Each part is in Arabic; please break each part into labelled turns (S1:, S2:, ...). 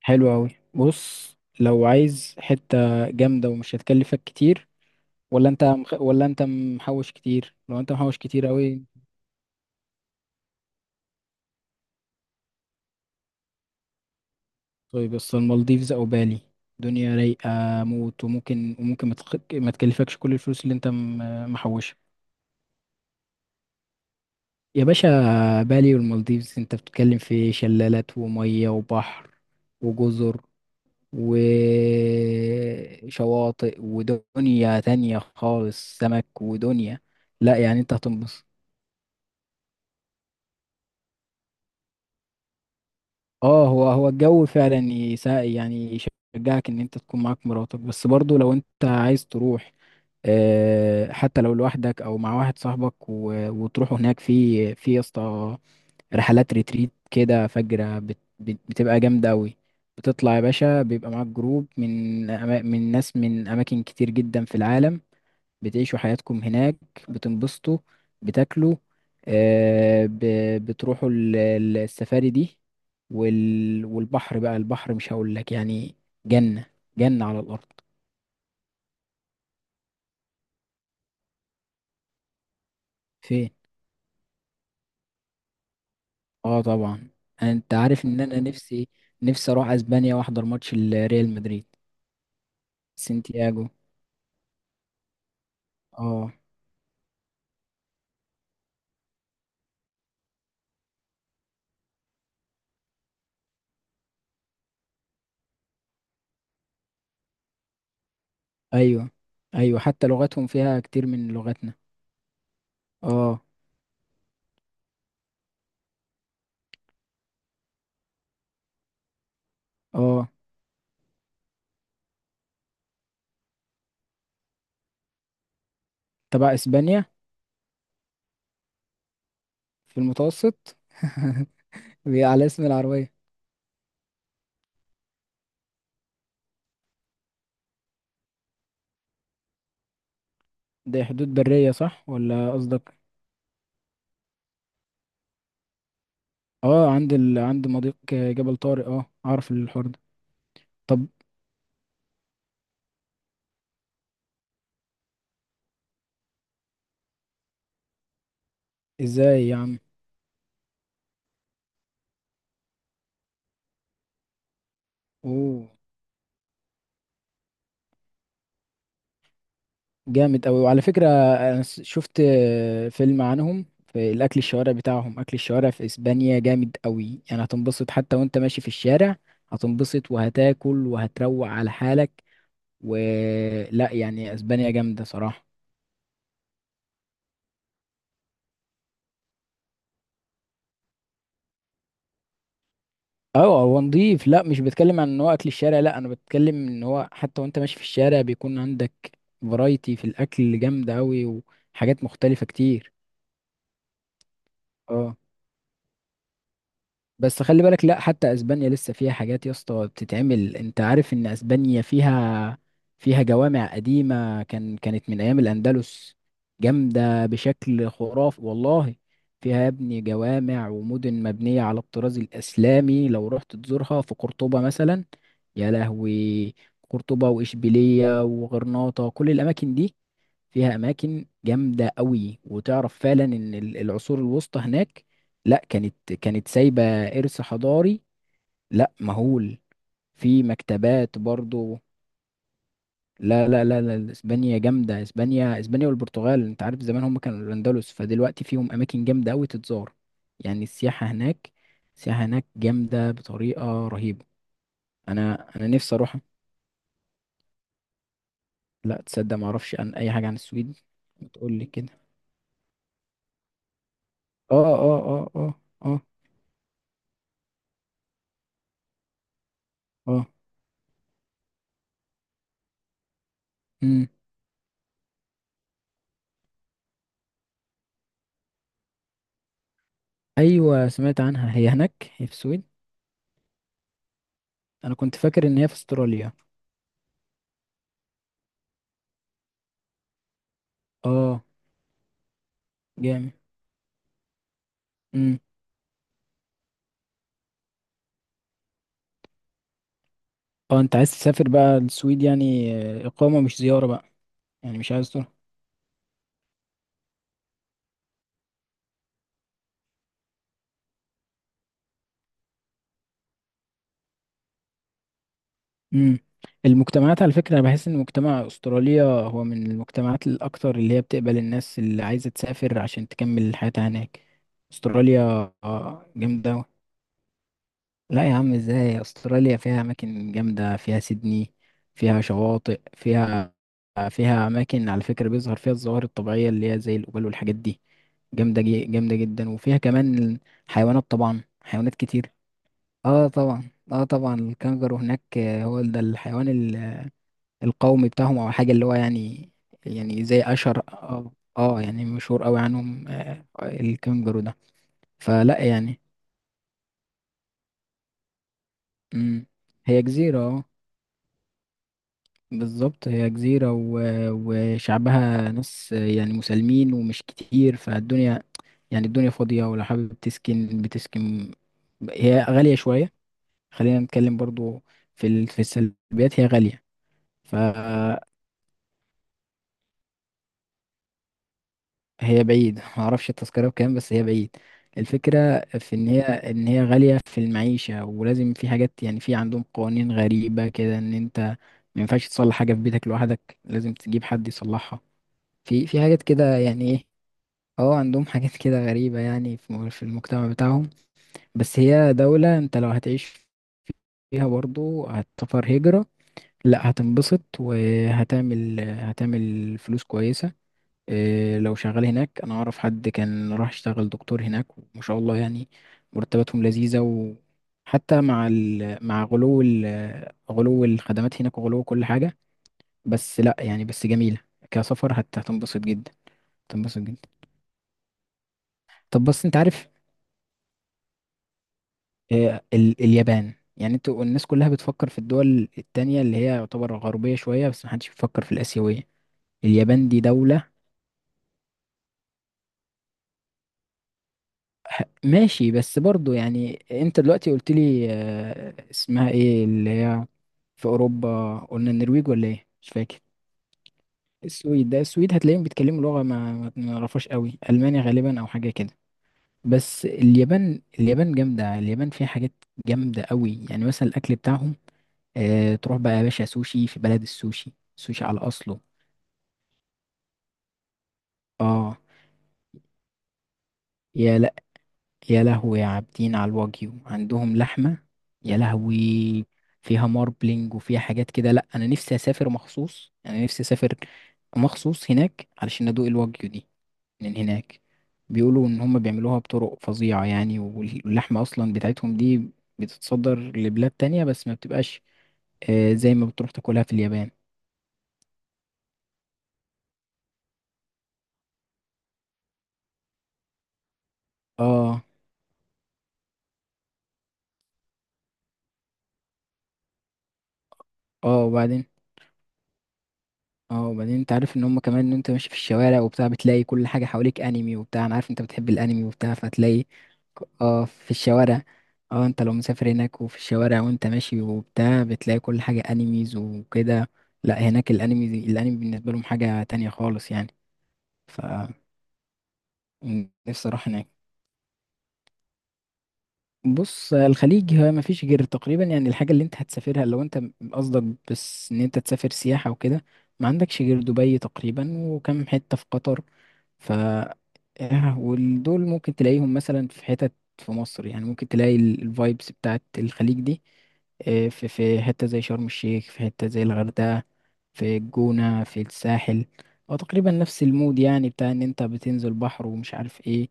S1: حلو أوي، بص، لو عايز حتة جامدة ومش هتكلفك كتير. ولا انت محوش كتير، لو انت محوش كتير أوي. طيب، بس المالديفز أو بالي، دنيا رايقة موت. وممكن ما تكلفكش كل الفلوس اللي انت محوشها. يا باشا، بالي والمالديفز، انت بتتكلم في شلالات ومية وبحر وجزر وشواطئ ودنيا تانية خالص، سمك ودنيا. لا، يعني انت هتنبسط. اه، هو الجو فعلا يساعد يعني، يشجعك ان انت تكون معاك مراتك، بس برضو لو انت عايز تروح آه، حتى لو لوحدك او مع واحد صاحبك وتروحوا هناك في يا اسطى رحلات ريتريت كده فجرة بتبقى جامدة أوي. بتطلع يا باشا، بيبقى معاك جروب من ناس من أماكن كتير جدا في العالم. بتعيشوا حياتكم هناك، بتنبسطوا، بتاكلوا، آه... ب... بتروحوا السفاري دي، والبحر بقى. البحر مش هقول لك، يعني جنة، جنة على الأرض. فين؟ اه، طبعا. انت عارف ان انا نفسي، نفسي اروح اسبانيا واحضر ماتش الريال مدريد. سانتياغو. اه. ايوه. ايوه، حتى لغتهم فيها كتير من لغتنا. اه. اه، تبع اسبانيا. في المتوسط. هي على اسم العربية. ده حدود برية صح ولا قصدك؟ اه، عند مضيق جبل طارق. اه، اعرف الحوار ده. طب. ازاي يا عم؟ اوه. جامد اوي. وعلى فكرة، انا شفت فيلم عنهم في الاكل، الشوارع بتاعهم، اكل الشوارع في اسبانيا جامد اوي، يعني هتنبسط حتى وانت ماشي في الشارع. هتنبسط وهتاكل وهتروق على حالك، ولا يعني اسبانيا جامده صراحه. اه، هو نضيف. لا، مش بتكلم عن ان هو اكل الشارع، لا، انا بتكلم ان هو حتى وانت ماشي في الشارع بيكون عندك فرايتي في الاكل جامده قوي، وحاجات مختلفه كتير. اه. بس خلي بالك، لا، حتى اسبانيا لسه فيها حاجات يا اسطى بتتعمل. انت عارف ان اسبانيا فيها جوامع قديمة كانت من ايام الاندلس، جامدة بشكل خرافي والله. فيها يا ابني جوامع ومدن مبنية على الطراز الاسلامي، لو رحت تزورها في قرطبة مثلا، يا لهوي. قرطبة واشبيلية وغرناطة، كل الاماكن دي فيها اماكن جامده قوي. وتعرف فعلا ان العصور الوسطى هناك، لا، كانت سايبه ارث حضاري، لا، مهول، في مكتبات برضو. لا، لا، لا، لا، اسبانيا جامده، اسبانيا، اسبانيا والبرتغال، انت عارف زمان هم كانوا الاندلس، فدلوقتي فيهم اماكن جامده قوي تتزار. يعني السياحه هناك جامده بطريقه رهيبه. انا نفسي اروح. لا تصدق، ما اعرفش عن اي حاجه عن السويد. بتقول لي كده؟ اه، اه، اه، اه. اه. اه. مم. ايوه، سمعت عنها، هي هناك، هي في السويد. انا كنت فاكر ان هي في استراليا. اه. جامد. امم. اه، انت عايز تسافر بقى السويد يعني؟ آه، اقامه مش زياره بقى؟ يعني مش عايز تروح؟ امم. المجتمعات، على فكره، انا بحس ان مجتمع استراليا هو من المجتمعات الاكثر اللي هي بتقبل الناس اللي عايزه تسافر عشان تكمل حياتها هناك. استراليا آه، جامده أوي. لا يا عم، ازاي؟ استراليا فيها اماكن جامده، فيها سيدني، فيها شواطئ، فيها اماكن على فكره بيظهر فيها الظواهر الطبيعيه اللي هي زي الجبال والحاجات دي، جامده جامده جدا، وفيها كمان حيوانات، طبعا حيوانات كتير. اه طبعا، اه طبعا الكنجرو هناك آه، هو ده الحيوان القومي بتاعهم او حاجه اللي هو يعني، يعني زي اشهر اه. اه يعني مشهور قوي عنهم آه الكنجرو ده. فلا يعني. مم. هي جزيره اه. بالظبط، هي جزيرة وشعبها ناس يعني مسالمين، ومش كتير فالدنيا، يعني الدنيا فاضية، ولو حابب تسكن بتسكن. هي غالية شوية، خلينا نتكلم برضو في في السلبيات، هي غالية. فهي بعيد، معرفش التذكرة بكام، بس هي بعيد. الفكرة في ان هي غالية في المعيشة، ولازم في حاجات يعني، في عندهم قوانين غريبة كده، ان انت ما ينفعش تصلح حاجة في بيتك لوحدك، لازم تجيب حد يصلحها. في حاجات كده يعني ايه. اه، عندهم حاجات كده غريبة يعني في في المجتمع بتاعهم. بس هي دولة، انت لو هتعيش فيها برضو هتسافر هجرة، لا، هتنبسط وهتعمل فلوس كويسة. إيه، لو شغال هناك، انا اعرف حد كان راح يشتغل دكتور هناك وما شاء الله، يعني مرتباتهم لذيذة. وحتى مع مع غلو الخدمات هناك، وغلو كل حاجة، بس لا يعني، بس جميلة. كسفر هتنبسط جدا. هتنبسط جدا. طب، بس انت عارف، آه، اليابان، يعني انتوا الناس كلها بتفكر في الدول التانية اللي هي يعتبر غربية شوية، بس محدش بيفكر في الآسيوية. اليابان دي دولة. ماشي، بس برضو يعني انت دلوقتي قلت لي آه، اسمها ايه اللي هي في أوروبا، قلنا النرويج ولا ايه مش فاكر؟ السويد، ده السويد هتلاقيهم بيتكلموا لغة ما نعرفهاش قوي، ألمانيا غالبا أو حاجة كده. بس اليابان، اليابان جامدة، اليابان فيها حاجات جامدة قوي، يعني مثلا الأكل بتاعهم. آه، تروح بقى يا باشا سوشي في بلد السوشي، سوشي على أصله. اه. يا لا. يا لهوي يا عابدين على الواجيو، عندهم لحمة. يا لهوي، فيها ماربلينج وفيها حاجات كده. لا، أنا نفسي أسافر مخصوص هناك علشان أدوق الواجيو دي من هناك. بيقولوا إن هم بيعملوها بطرق فظيعة يعني، واللحمة أصلا بتاعتهم دي بتتصدر لبلاد تانية، بس ما بتبقاش آه زي ما بتروح تاكلها في اليابان. اه. اه وبعدين، اه وبعدين انت عارف ان هم كمان ان انت ماشي في الشوارع وبتاع بتلاقي كل حاجة حواليك انمي وبتاع، انا عارف انت بتحب الانمي وبتاع فتلاقي اه، في الشوارع. اه، انت لو مسافر هناك وفي الشوارع وانت ماشي وبتاع بتلاقي كل حاجة انميز وكده. لا، هناك الانمي بالنسبة لهم حاجة تانية خالص يعني. ف نفسي اروح هناك. بص، الخليج ما مفيش غير تقريبا يعني الحاجة اللي انت هتسافرها، لو انت قصدك بس ان انت تسافر سياحة وكده، ما عندكش غير دبي تقريبا وكم حتة في قطر. ف آه، ودول ممكن تلاقيهم مثلا في حتت في مصر يعني، ممكن تلاقي الفايبس بتاعت الخليج دي، آه، في حتة زي شرم الشيخ، في حتة زي الغردقة، في الجونة، في الساحل. هو تقريبا نفس المود يعني بتاع ان انت بتنزل بحر ومش عارف ايه،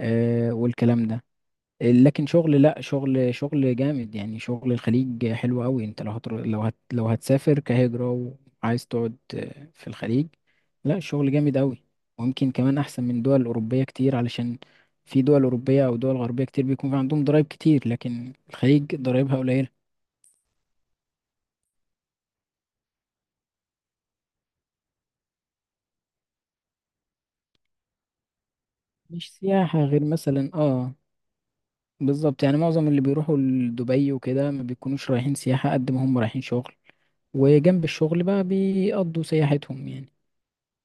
S1: آه، والكلام ده. لكن شغل، لا، شغل جامد يعني، شغل الخليج حلو قوي، انت لو لو هتسافر كهجرة وعايز تقعد في الخليج، لا الشغل جامد قوي، ويمكن كمان احسن من دول اوروبية كتير، علشان في دول اوروبية او دول غربية كتير بيكون في عندهم ضرايب كتير، لكن الخليج ضرايبها قليلة. مش سياحة غير مثلا اه. بالظبط، يعني معظم اللي بيروحوا لدبي وكده ما بيكونوش رايحين سياحة قد ما هم رايحين شغل، وجنب الشغل بقى بيقضوا سياحتهم يعني.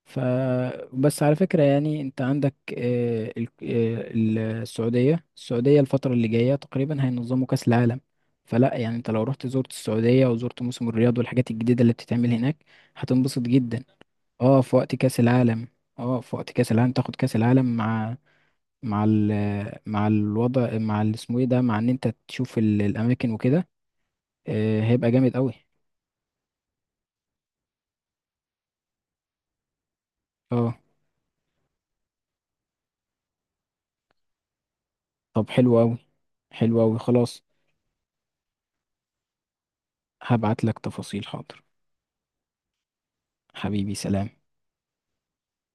S1: فبس على فكرة، يعني انت عندك آه، السعودية الفترة اللي جاية تقريبا هينظموا كأس العالم. فلا يعني، انت لو رحت زرت السعودية وزرت موسم الرياض والحاجات الجديدة اللي بتتعمل هناك هتنبسط جدا. اه في وقت كأس العالم. اه في وقت كأس العالم، تاخد كأس العالم مع، مع ال مع الوضع، مع اسمه ايه ده، مع ان انت تشوف الاماكن وكده آه، هيبقى جامد قوي. اه. طب، حلو قوي. حلو قوي، خلاص. هبعت لك تفاصيل، حاضر. حبيبي، سلام.